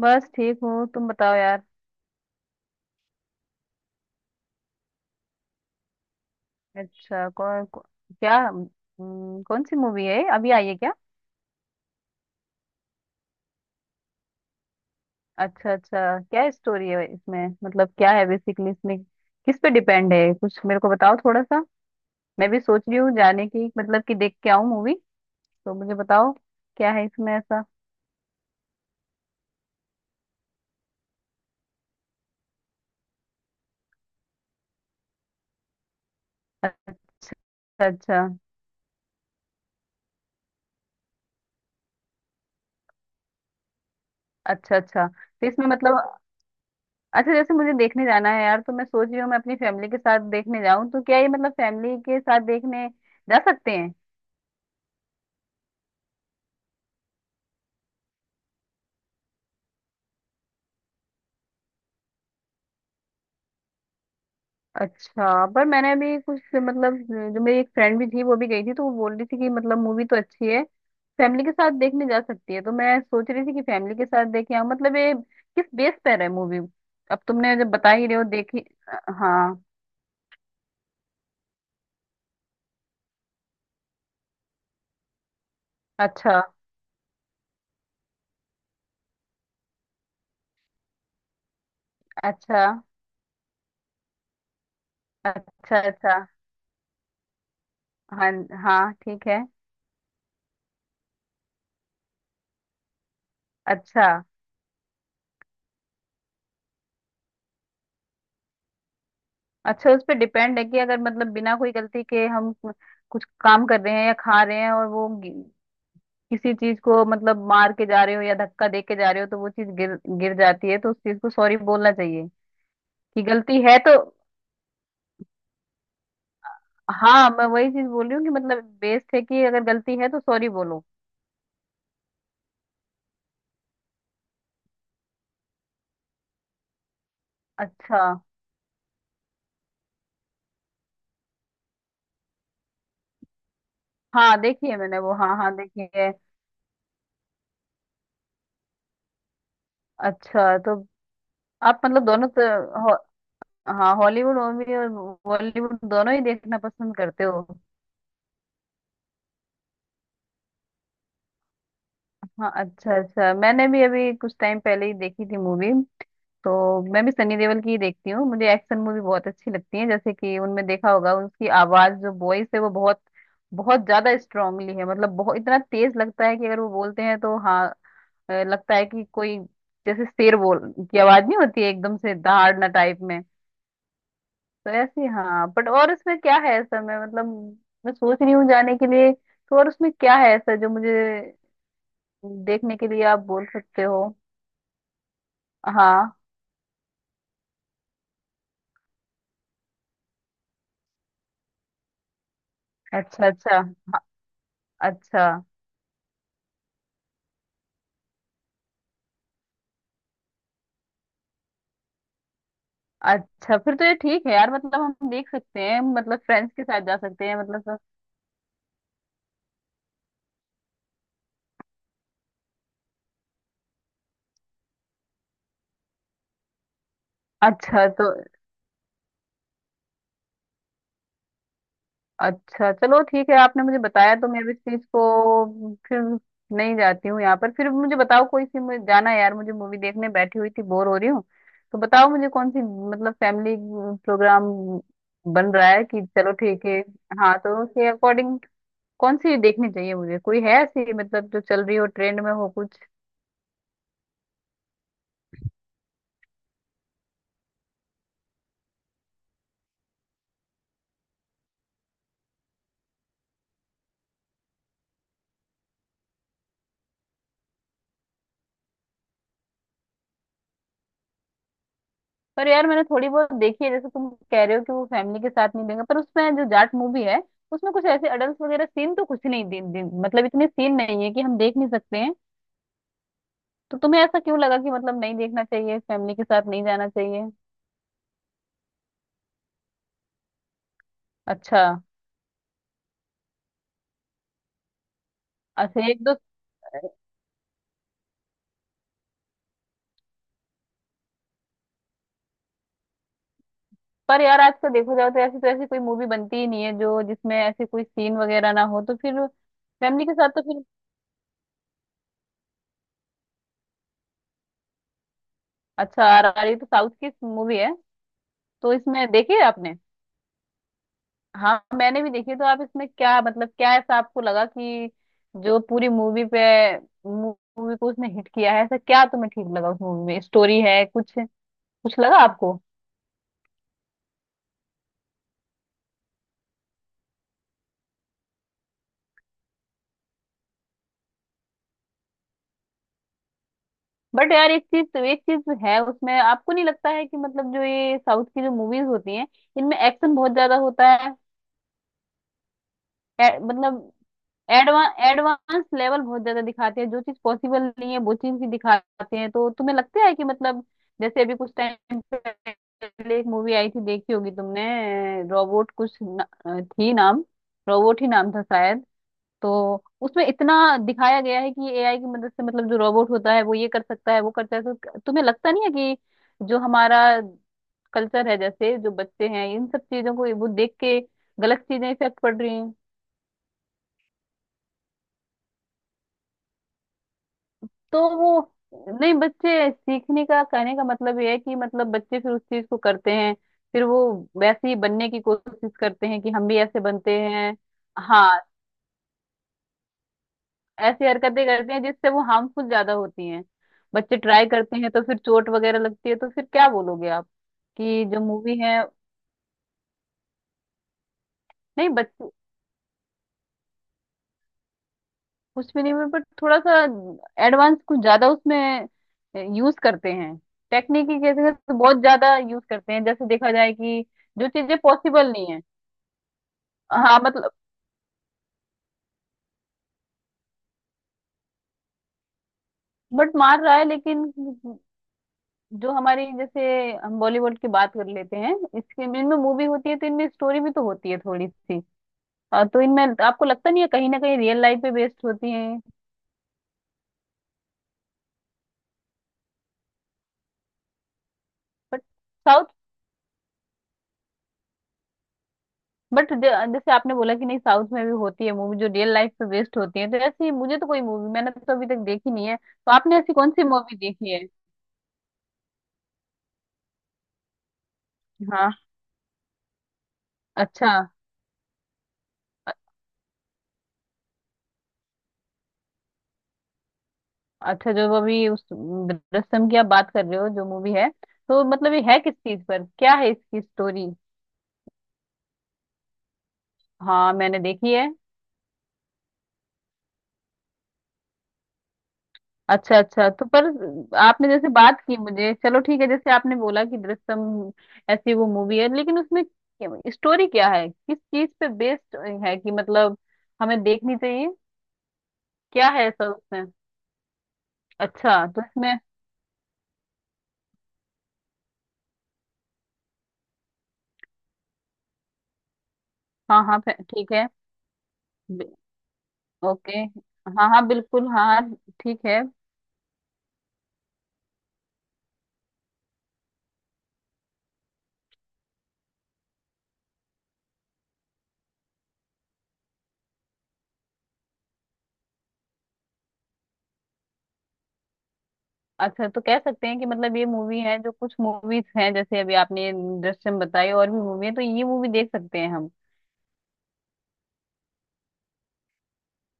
बस ठीक हूँ, तुम बताओ यार। अच्छा, क्या कौन सी मूवी है? अभी आई है क्या? अच्छा अच्छा, क्या स्टोरी है इसमें? मतलब क्या है बेसिकली इसमें? किस पे डिपेंड है? कुछ मेरे को बताओ थोड़ा सा। मैं भी सोच रही हूँ जाने की, मतलब कि देख के आऊँ मूवी। तो मुझे बताओ क्या है इसमें ऐसा। अच्छा अच्छा। अच्छा अच्छा, तो इसमें मतलब, अच्छा जैसे मुझे देखने जाना है यार, तो मैं सोच रही हूँ मैं अपनी फैमिली के साथ देखने जाऊँ, तो क्या ये मतलब फैमिली के साथ देखने जा सकते हैं? अच्छा, पर मैंने अभी कुछ मतलब, जो मेरी एक फ्रेंड भी थी वो भी गई थी, तो वो बोल रही थी कि मतलब मूवी तो अच्छी है, फैमिली के साथ देखने जा सकती है। तो मैं सोच रही थी कि फैमिली के साथ देखे आऊं, मतलब ये किस बेस पर है मूवी? अब तुमने जब बता ही रहे हो देखी। हाँ। अच्छा अच्छा। अच्छा अच्छा। हाँ हाँ ठीक है। अच्छा अच्छा। उस पर डिपेंड है कि अगर मतलब बिना कोई गलती के हम कुछ काम कर रहे हैं या खा रहे हैं, और वो किसी चीज को मतलब मार के जा रहे हो या धक्का दे के जा रहे हो, तो वो चीज गिर गिर जाती है, तो उस चीज को सॉरी बोलना चाहिए, कि गलती है तो। हाँ, मैं वही चीज बोल रही हूँ कि मतलब बेस्ट है कि अगर गलती है तो सॉरी बोलो। अच्छा। हाँ, देखी है मैंने वो, हाँ हाँ देखी है। अच्छा तो आप मतलब दोनों तो हो, हाँ, हॉलीवुड मूवी और बॉलीवुड दोनों ही देखना पसंद करते हो? हाँ। अच्छा अच्छा, मैंने भी अभी कुछ टाइम पहले ही देखी थी मूवी। तो मैं भी सनी देओल की ही देखती हूँ, मुझे एक्शन मूवी बहुत अच्छी लगती है, जैसे कि उनमें देखा होगा उसकी आवाज जो वॉइस है वो बहुत बहुत ज्यादा स्ट्रांगली है, मतलब बहुत इतना तेज लगता है कि अगर वो बोलते हैं तो हाँ, लगता है कि कोई जैसे शेर बोल की आवाज नहीं होती है, एकदम से दहाड़ना टाइप में। तो ऐसी हाँ, बट और उसमें क्या है ऐसा, मैं मतलब मैं सोच रही हूँ जाने के लिए। तो और उसमें क्या है ऐसा जो मुझे देखने के लिए आप बोल सकते हो? हाँ। अच्छा अच्छा। अच्छा अच्छा, फिर तो ये ठीक है यार, मतलब हम देख सकते हैं, मतलब फ्रेंड्स के साथ जा सकते हैं मतलब अच्छा। तो अच्छा चलो ठीक है, आपने मुझे बताया, तो मैं अब इस चीज को फिर नहीं जाती हूँ। यहाँ पर फिर मुझे बताओ कोई सी, मुझे जाना है यार, मुझे मूवी देखने, बैठी हुई थी बोर हो रही हूँ। तो बताओ मुझे कौन सी, मतलब फैमिली प्रोग्राम बन रहा है कि चलो ठीक है। हाँ तो उसके अकॉर्डिंग कौन सी देखनी चाहिए मुझे? कोई है ऐसी मतलब जो चल रही हो, ट्रेंड में हो कुछ? पर यार मैंने थोड़ी बहुत देखी है, जैसे तुम कह रहे हो कि वो फैमिली के साथ नहीं देंगे, पर उसमें जो जाट मूवी है उसमें कुछ ऐसे अडल्ट वगैरह सीन तो कुछ नहीं, दिन दिन मतलब इतने सीन नहीं है कि हम देख नहीं सकते हैं। तो तुम्हें ऐसा क्यों लगा कि मतलब नहीं देखना चाहिए, फैमिली के साथ नहीं जाना चाहिए? अच्छा अच्छा, एक दो, पर यार आजकल देखो जाओ तो ऐसी, तो ऐसी कोई मूवी बनती ही नहीं है जो, जिसमें ऐसे कोई सीन वगैरह ना हो, तो फिर फैमिली के साथ तो फिर। अच्छा, आ रही तो साउथ की मूवी है। तो इसमें देखी है आपने? हाँ मैंने भी देखी। तो आप इसमें क्या मतलब, क्या ऐसा आपको लगा कि जो पूरी मूवी पे, मूवी को उसने हिट किया है, ऐसा क्या तुम्हें ठीक लगा उस मूवी में? स्टोरी है कुछ, कुछ लगा आपको? बट यार एक चीज, एक चीज है उसमें, आपको नहीं लगता है कि मतलब जो ये साउथ की जो मूवीज होती हैं इनमें एक्शन बहुत ज्यादा होता है? मतलब एडवांस एडवांस लेवल बहुत ज्यादा दिखाते हैं, जो चीज पॉसिबल नहीं है वो चीज भी दिखाते हैं। तो तुम्हें लगता है कि मतलब, जैसे अभी कुछ टाइम पहले एक मूवी आई थी देखी होगी तुमने, रोबोट कुछ न, थी नाम, रोबोट ही नाम था शायद। तो उसमें इतना दिखाया गया है कि एआई की मदद से मतलब जो रोबोट होता है वो ये कर सकता है वो करता है। तो तुम्हें लगता नहीं है कि जो हमारा कल्चर है, जैसे जो बच्चे हैं इन सब चीजों को वो देख के गलत चीजें इफेक्ट पड़ रही हैं? तो वो नहीं, बच्चे सीखने का, कहने का मतलब ये है कि मतलब बच्चे फिर उस चीज को करते हैं, फिर वो वैसे ही बनने की कोशिश करते हैं कि हम भी ऐसे बनते हैं। हाँ, ऐसी हरकतें करते हैं जिससे वो हार्मफुल ज्यादा होती हैं। बच्चे ट्राई करते हैं तो फिर चोट वगैरह लगती है, तो फिर क्या बोलोगे आप कि जो मूवी है? नहीं बच उसमें नहीं, पर थोड़ा सा एडवांस कुछ ज्यादा उसमें यूज करते हैं, टेक्निक की कैसे तो बहुत ज्यादा यूज करते हैं, जैसे देखा जाए कि जो चीजें पॉसिबल नहीं है। हाँ मतलब, बट मार रहा है, लेकिन जो हमारी जैसे, हम बॉलीवुड की बात कर लेते हैं, इसके इनमें मूवी होती है तो इनमें स्टोरी भी तो होती है थोड़ी सी। तो इनमें आपको लगता नहीं है कहीं ना कहीं रियल लाइफ पे बेस्ड होती है? बट बट जैसे आपने बोला कि नहीं साउथ में भी होती है मूवी जो रियल लाइफ पे बेस्ड होती है, तो ऐसी मुझे तो कोई मूवी मैंने तो अभी तक देखी नहीं है, तो आपने ऐसी कौन सी मूवी देखी है? हाँ अच्छा। अ- अच्छा, जो अभी उस रस्म की आप बात कर रहे हो जो मूवी है, तो मतलब ये है किस चीज पर, क्या है इसकी स्टोरी? हाँ मैंने देखी है। अच्छा अच्छा, तो पर आपने जैसे बात की मुझे, चलो ठीक है, जैसे आपने बोला कि दृश्यम ऐसी वो मूवी है, लेकिन उसमें स्टोरी क्या है, किस चीज पे बेस्ड है, कि मतलब हमें देखनी चाहिए, क्या है ऐसा उसमें? अच्छा तो इसमें। हाँ हाँ ठीक है। बि- ओके। हाँ हाँ बिल्कुल, हाँ हाँ, ठीक है। अच्छा तो कह सकते हैं कि मतलब ये मूवी है, जो कुछ मूवीज हैं जैसे अभी आपने ये दृश्यम बताई, और भी मूवी है, तो ये मूवी देख सकते हैं हम।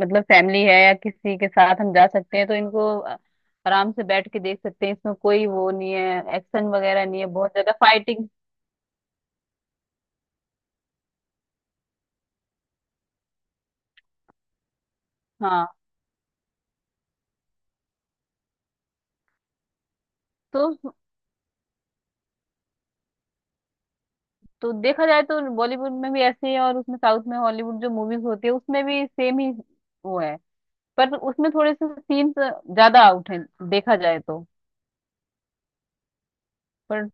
मतलब फैमिली है या किसी के साथ हम जा सकते हैं, तो इनको आराम से बैठ के देख सकते हैं, इसमें कोई वो नहीं है, एक्शन वगैरह नहीं है बहुत ज्यादा फाइटिंग। हाँ तो तो देखा जाए तो बॉलीवुड में भी ऐसे ही है, और उसमें साउथ में, हॉलीवुड जो मूवीज होती है उसमें भी सेम ही वो है। पर उसमें थोड़े से सीन्स ज्यादा आउट हैं, देखा जाए तो। पर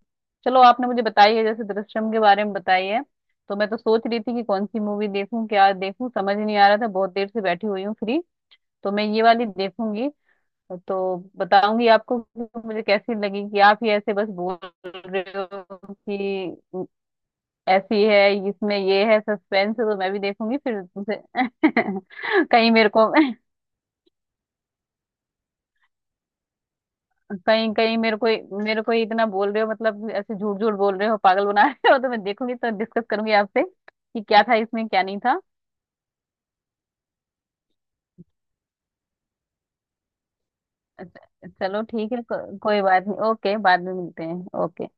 चलो आपने मुझे बताई है, जैसे दृश्यम के बारे में बताई है, तो मैं तो सोच रही थी कि कौन सी मूवी देखूं क्या देखूं समझ नहीं आ रहा था, बहुत देर से बैठी हुई हूँ फ्री, तो मैं ये वाली देखूंगी। तो बताऊंगी आपको कि मुझे कैसी लगी, कि आप ही ऐसे बस बोल रहे हो कि ऐसी है, इसमें ये है, सस्पेंस है, तो मैं भी देखूंगी फिर तुमसे। कहीं मेरे को, कहीं कहीं मेरे को, मेरे को इतना बोल रहे हो, मतलब ऐसे झूठ झूठ बोल रहे हो पागल बना रहे हो, तो मैं देखूंगी तो डिस्कस करूंगी आपसे कि क्या था इसमें क्या नहीं था। अच्छा, चलो ठीक है, कोई बात नहीं, ओके बाद में मिलते हैं। ओके।